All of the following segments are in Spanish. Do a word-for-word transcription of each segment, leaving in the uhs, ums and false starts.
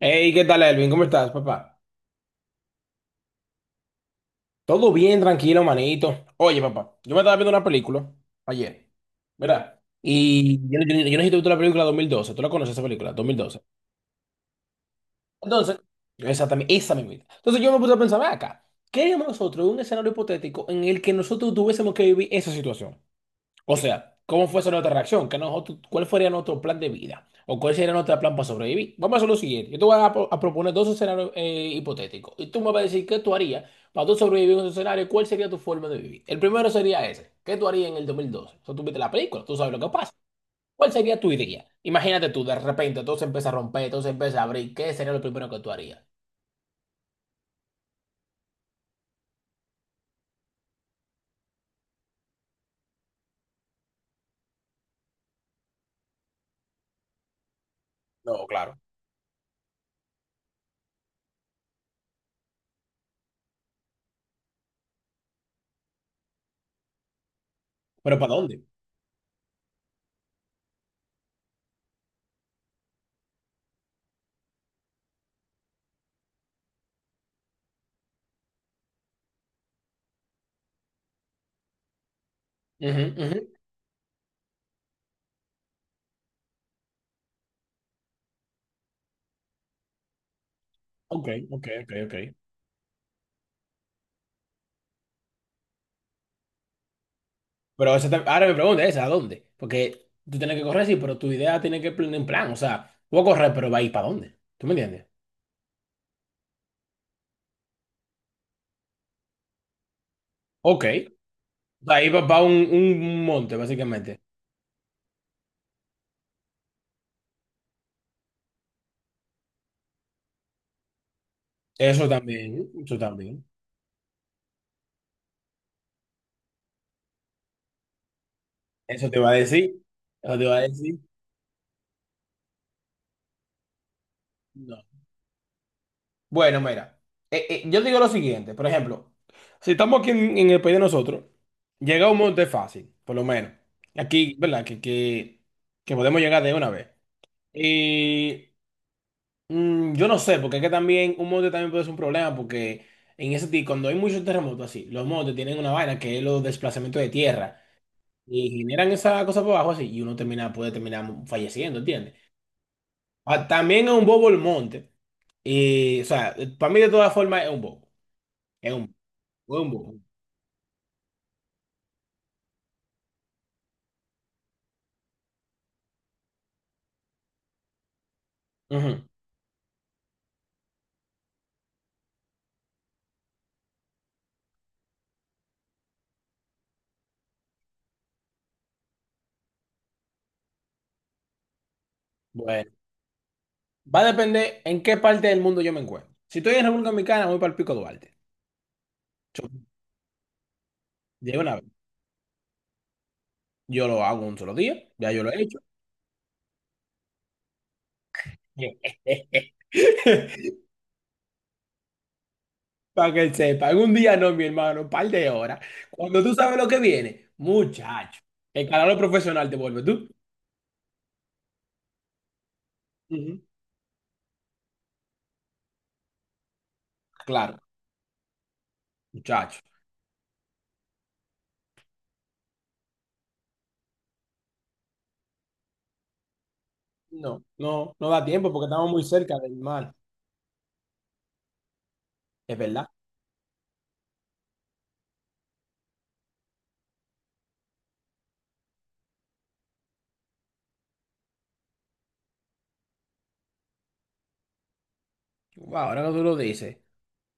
Hey, ¿qué tal, Elvin? ¿Cómo estás, papá? Todo bien, tranquilo, manito. Oye, papá, yo me estaba viendo una película ayer, ¿verdad? Y yo, yo, yo necesito ver la película dos mil doce. ¿Tú la conoces esa película? Dos mil doce. Entonces, exactamente, esa misma. Entonces yo me puse a pensar, "Ven acá, ¿qué haríamos nosotros en un escenario hipotético en el que nosotros tuviésemos que vivir esa situación? O sea, ¿cómo fuese nuestra reacción? ¿Qué nosotros, cuál sería nuestro plan de vida? ¿O cuál sería nuestro plan para sobrevivir? Vamos a hacer lo siguiente. Yo te voy a, pro- a proponer dos escenarios eh, hipotéticos. Y tú me vas a decir qué tú harías para tú sobrevivir en esos escenarios. ¿Cuál sería tu forma de vivir? El primero sería ese. ¿Qué tú harías en el dos mil doce? O sea, tú viste la película, tú sabes lo que pasa. ¿Cuál sería tu idea? Imagínate tú, de repente todo se empieza a romper, todo se empieza a abrir. ¿Qué sería lo primero que tú harías? No, claro. ¿Pero para dónde? Ujú, ujú. Ok, ok, ok, ok. Pero esa tam- ahora me pregunta esa, ¿a dónde? Porque tú tienes que correr, sí, pero tu idea tiene que plan en plan. O sea, voy a correr, pero va a ir para dónde. ¿Tú me entiendes? Ok. O sea, ahí va para un, un monte, básicamente. Eso también, eso también. Eso te va a decir. Eso te va a decir. No. Bueno, mira. Eh, eh, yo digo lo siguiente, por ejemplo, si estamos aquí en, en el país de nosotros, llega a un monte fácil, por lo menos. Aquí, ¿verdad? Que, que, que podemos llegar de una vez. Y. Mm, yo no sé, porque es que también un mote también puede ser un problema, porque en ese tipo, cuando hay muchos terremotos así, los motes tienen una vaina que es los desplazamientos de tierra y generan esa cosa por abajo así y uno termina, puede terminar falleciendo, ¿entiendes? Ah, también es un bobo el monte. Y, o sea, para mí de todas formas es un bobo. Es un, es un bobo. Ujú. Bueno, va a depender en qué parte del mundo yo me encuentro. Si estoy en República Dominicana, voy para el Pico Duarte. Yo- De una vez. Yo lo hago un solo día, ya yo lo he hecho. Para que sepa, un día no, mi hermano, un par de horas. Cuando tú sabes lo que viene, muchacho, el calor profesional te vuelve tú. Ujú. Claro, muchacho. No, no, no da tiempo porque estamos muy cerca del mar. Es verdad. Wow, ahora que tú lo dices.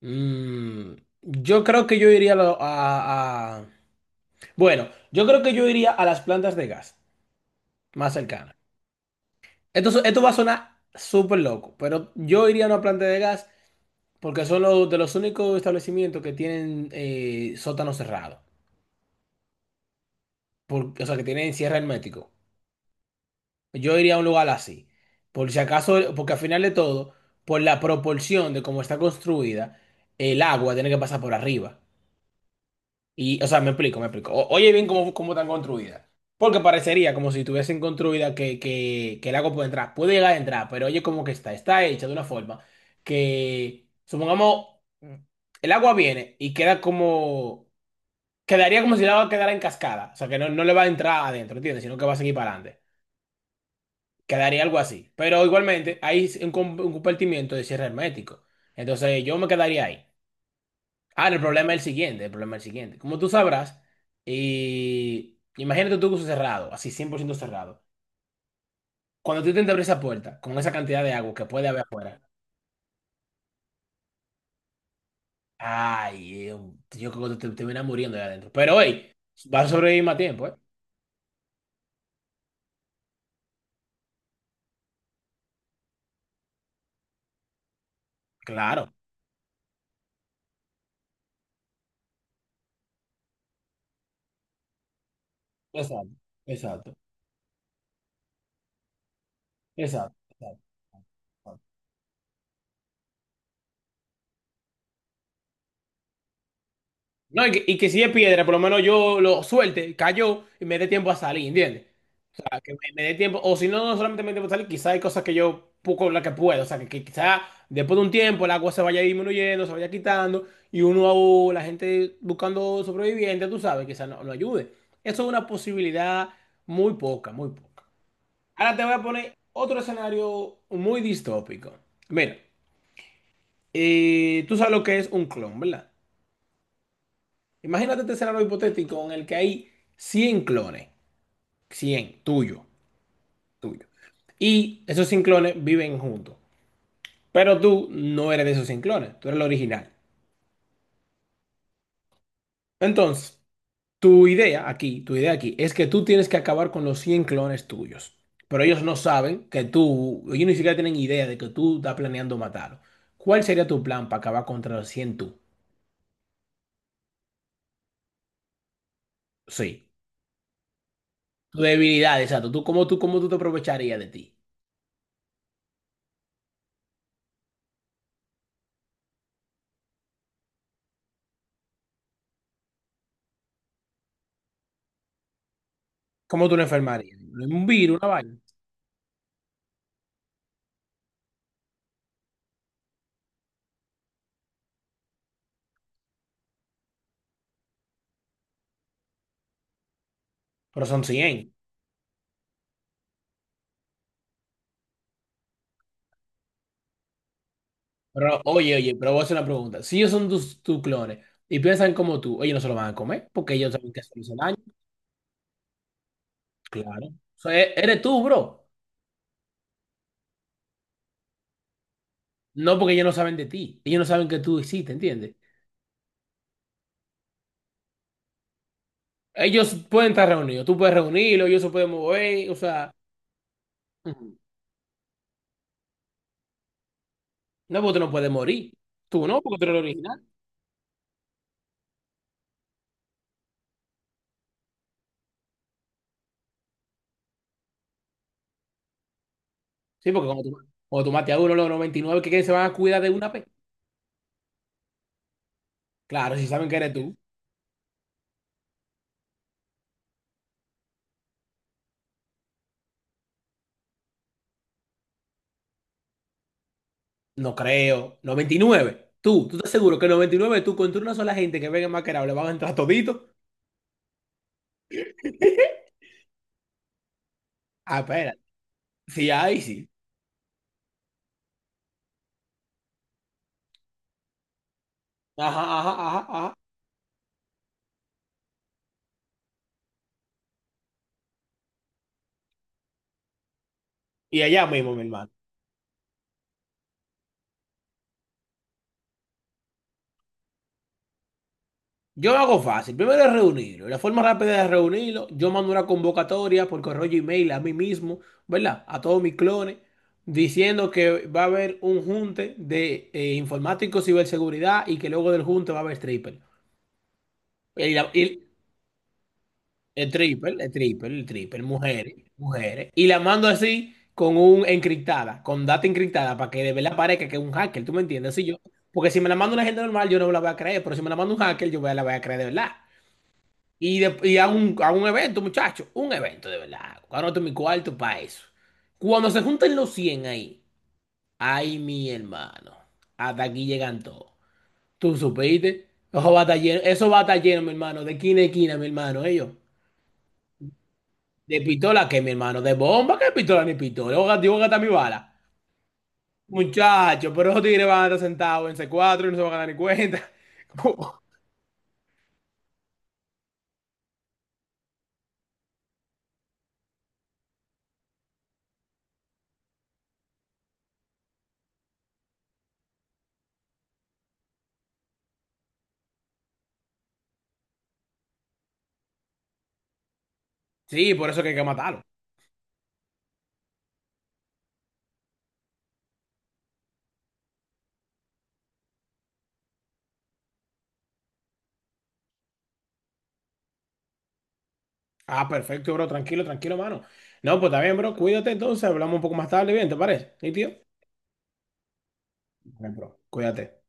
Mm, yo creo que yo iría a, lo- a- a- Bueno, yo creo que yo iría a las plantas de gas más cercanas. esto esto va a sonar súper loco, pero yo iría a una planta de gas. Porque son los de los únicos establecimientos que tienen eh, sótano cerrado. Por- o sea, que tienen cierre hermético. Yo iría a un lugar así. Por si acaso, porque al final de todo, por la proporción de cómo está construida, el agua tiene que pasar por arriba. Y, o sea, me explico, me explico. O- oye bien cómo, cómo están construidas. Porque parecería como si tuviesen construida que, que, que el agua puede entrar. Puede llegar a entrar, pero oye cómo que está. Está hecha de una forma que, supongamos, el agua viene y queda. Como Quedaría como si el agua quedara en cascada. O sea, que no, no le va a entrar adentro, ¿entiendes? Sino que va a seguir para adelante. Quedaría algo así. Pero igualmente, hay un, com- un compartimiento de cierre hermético. Entonces, yo me quedaría ahí. ah el problema es el siguiente. El problema es el siguiente. Como tú sabrás, y imagínate tú que uso cerrado, así cien por ciento cerrado. Cuando tú intentas abrir esa puerta con esa cantidad de agua que puede haber afuera, ay, eh, yo creo que te, te terminas muriendo ahí adentro. Pero hoy, vas a sobrevivir más tiempo, ¿eh? Claro. Exacto. Exacto. Exacto. Exacto, exacto. No, y que, y que si es piedra, por lo menos yo lo suelte, cayó y me dé tiempo a salir, ¿entiendes? O sea, que me, me dé tiempo, o si no, no solamente me dé tiempo a salir, quizá hay cosas que yo poco la que puedo, o sea, que, que quizá después de un tiempo el agua se vaya disminuyendo, se vaya quitando, y uno, o la gente buscando sobrevivientes, tú sabes, quizás no, no ayude. Eso es una posibilidad muy poca, muy poca. Ahora te voy a poner otro escenario muy distópico. Mira, eh, tú sabes lo que es un clon, ¿verdad? Imagínate este escenario hipotético en el que hay cien clones, cien tuyo, tuyo. Y esos cien clones viven juntos, pero tú no eres de esos cien clones, tú eres el original. Entonces, tu idea aquí, tu idea aquí es que tú tienes que acabar con los cien clones tuyos, pero ellos no saben que tú, ellos ni siquiera tienen idea de que tú estás planeando matarlo. ¿Cuál sería tu plan para acabar contra los cien tú? Sí, tu debilidad, exacto. ¿Tú, cómo, tú, cómo tú te aprovecharías de ti? ¿Cómo tú no enfermarías? ¿Un virus, una vaina? Pero son cien, pero, oye, oye, pero voy a hacer una pregunta. Si ellos son tus, tus clones y piensan como tú, ellos no se lo van a comer porque ellos saben que se daño. Claro. O sea, e- eres tú, bro. No porque ellos no saben de ti. Ellos no saben que tú existes, ¿entiendes? Ellos pueden estar reunidos. Tú puedes reunirlos, ellos se pueden mover. O sea, ujú. No porque tú no puedes morir. Tú no, porque tú eres el original. Sí, porque cuando tú, cuando tú mates a uno, los noventa y nueve que que se van a cuidar de una vez. Claro, si saben que eres tú. No creo. Noventa y nueve. Tú, ¿tú estás seguro que noventa y nueve, tú contra una sola gente que venga maquerado le van a entrar todito? Ah, espera. Sí, ahí sí. Ajá, ajá, ajá, ajá. Y allá mismo, mi hermano. Yo lo hago fácil. Primero es reunirlo. La forma rápida de reunirlo, yo mando una convocatoria por correo y email a mí mismo, ¿verdad? A todos mis clones, diciendo que va a haber un junte de eh, informáticos, ciberseguridad y que luego del junte va a haber stripper. Y, la- y- El triple, el triple, el triple, mujeres, mujeres. Y la mando así con un encriptada, con data encriptada, para que de verdad parezca que es un hacker, ¿tú me entiendes? Así yo, porque si me la manda una gente normal, yo no la voy a creer, pero si me la manda un hacker, yo voy- la voy a creer de verdad. Y, de- y a un, a un evento, muchachos, un evento de verdad. Cuando mi cuarto para eso. Cuando se juntan los cien ahí, ay, mi hermano, hasta aquí llegan todos. ¿Tú supiste? Eso va a estar lleno, eso va a estar lleno, mi hermano, de esquina a esquina, mi hermano, ellos. ¿De pistola qué, mi hermano? ¿De bomba qué pistola ni pistola? Yo voy a gastar mi bala. Muchachos, pero esos tigres van a estar sentados en C cuatro y no se van a dar ni cuenta. Sí, por eso que hay que matarlo. Ah, perfecto, bro. Tranquilo, tranquilo, mano. No, pues está bien, bro. Cuídate entonces. Hablamos un poco más tarde. Bien, ¿te parece? ¿Sí, tío? Bien, bro. Cuídate.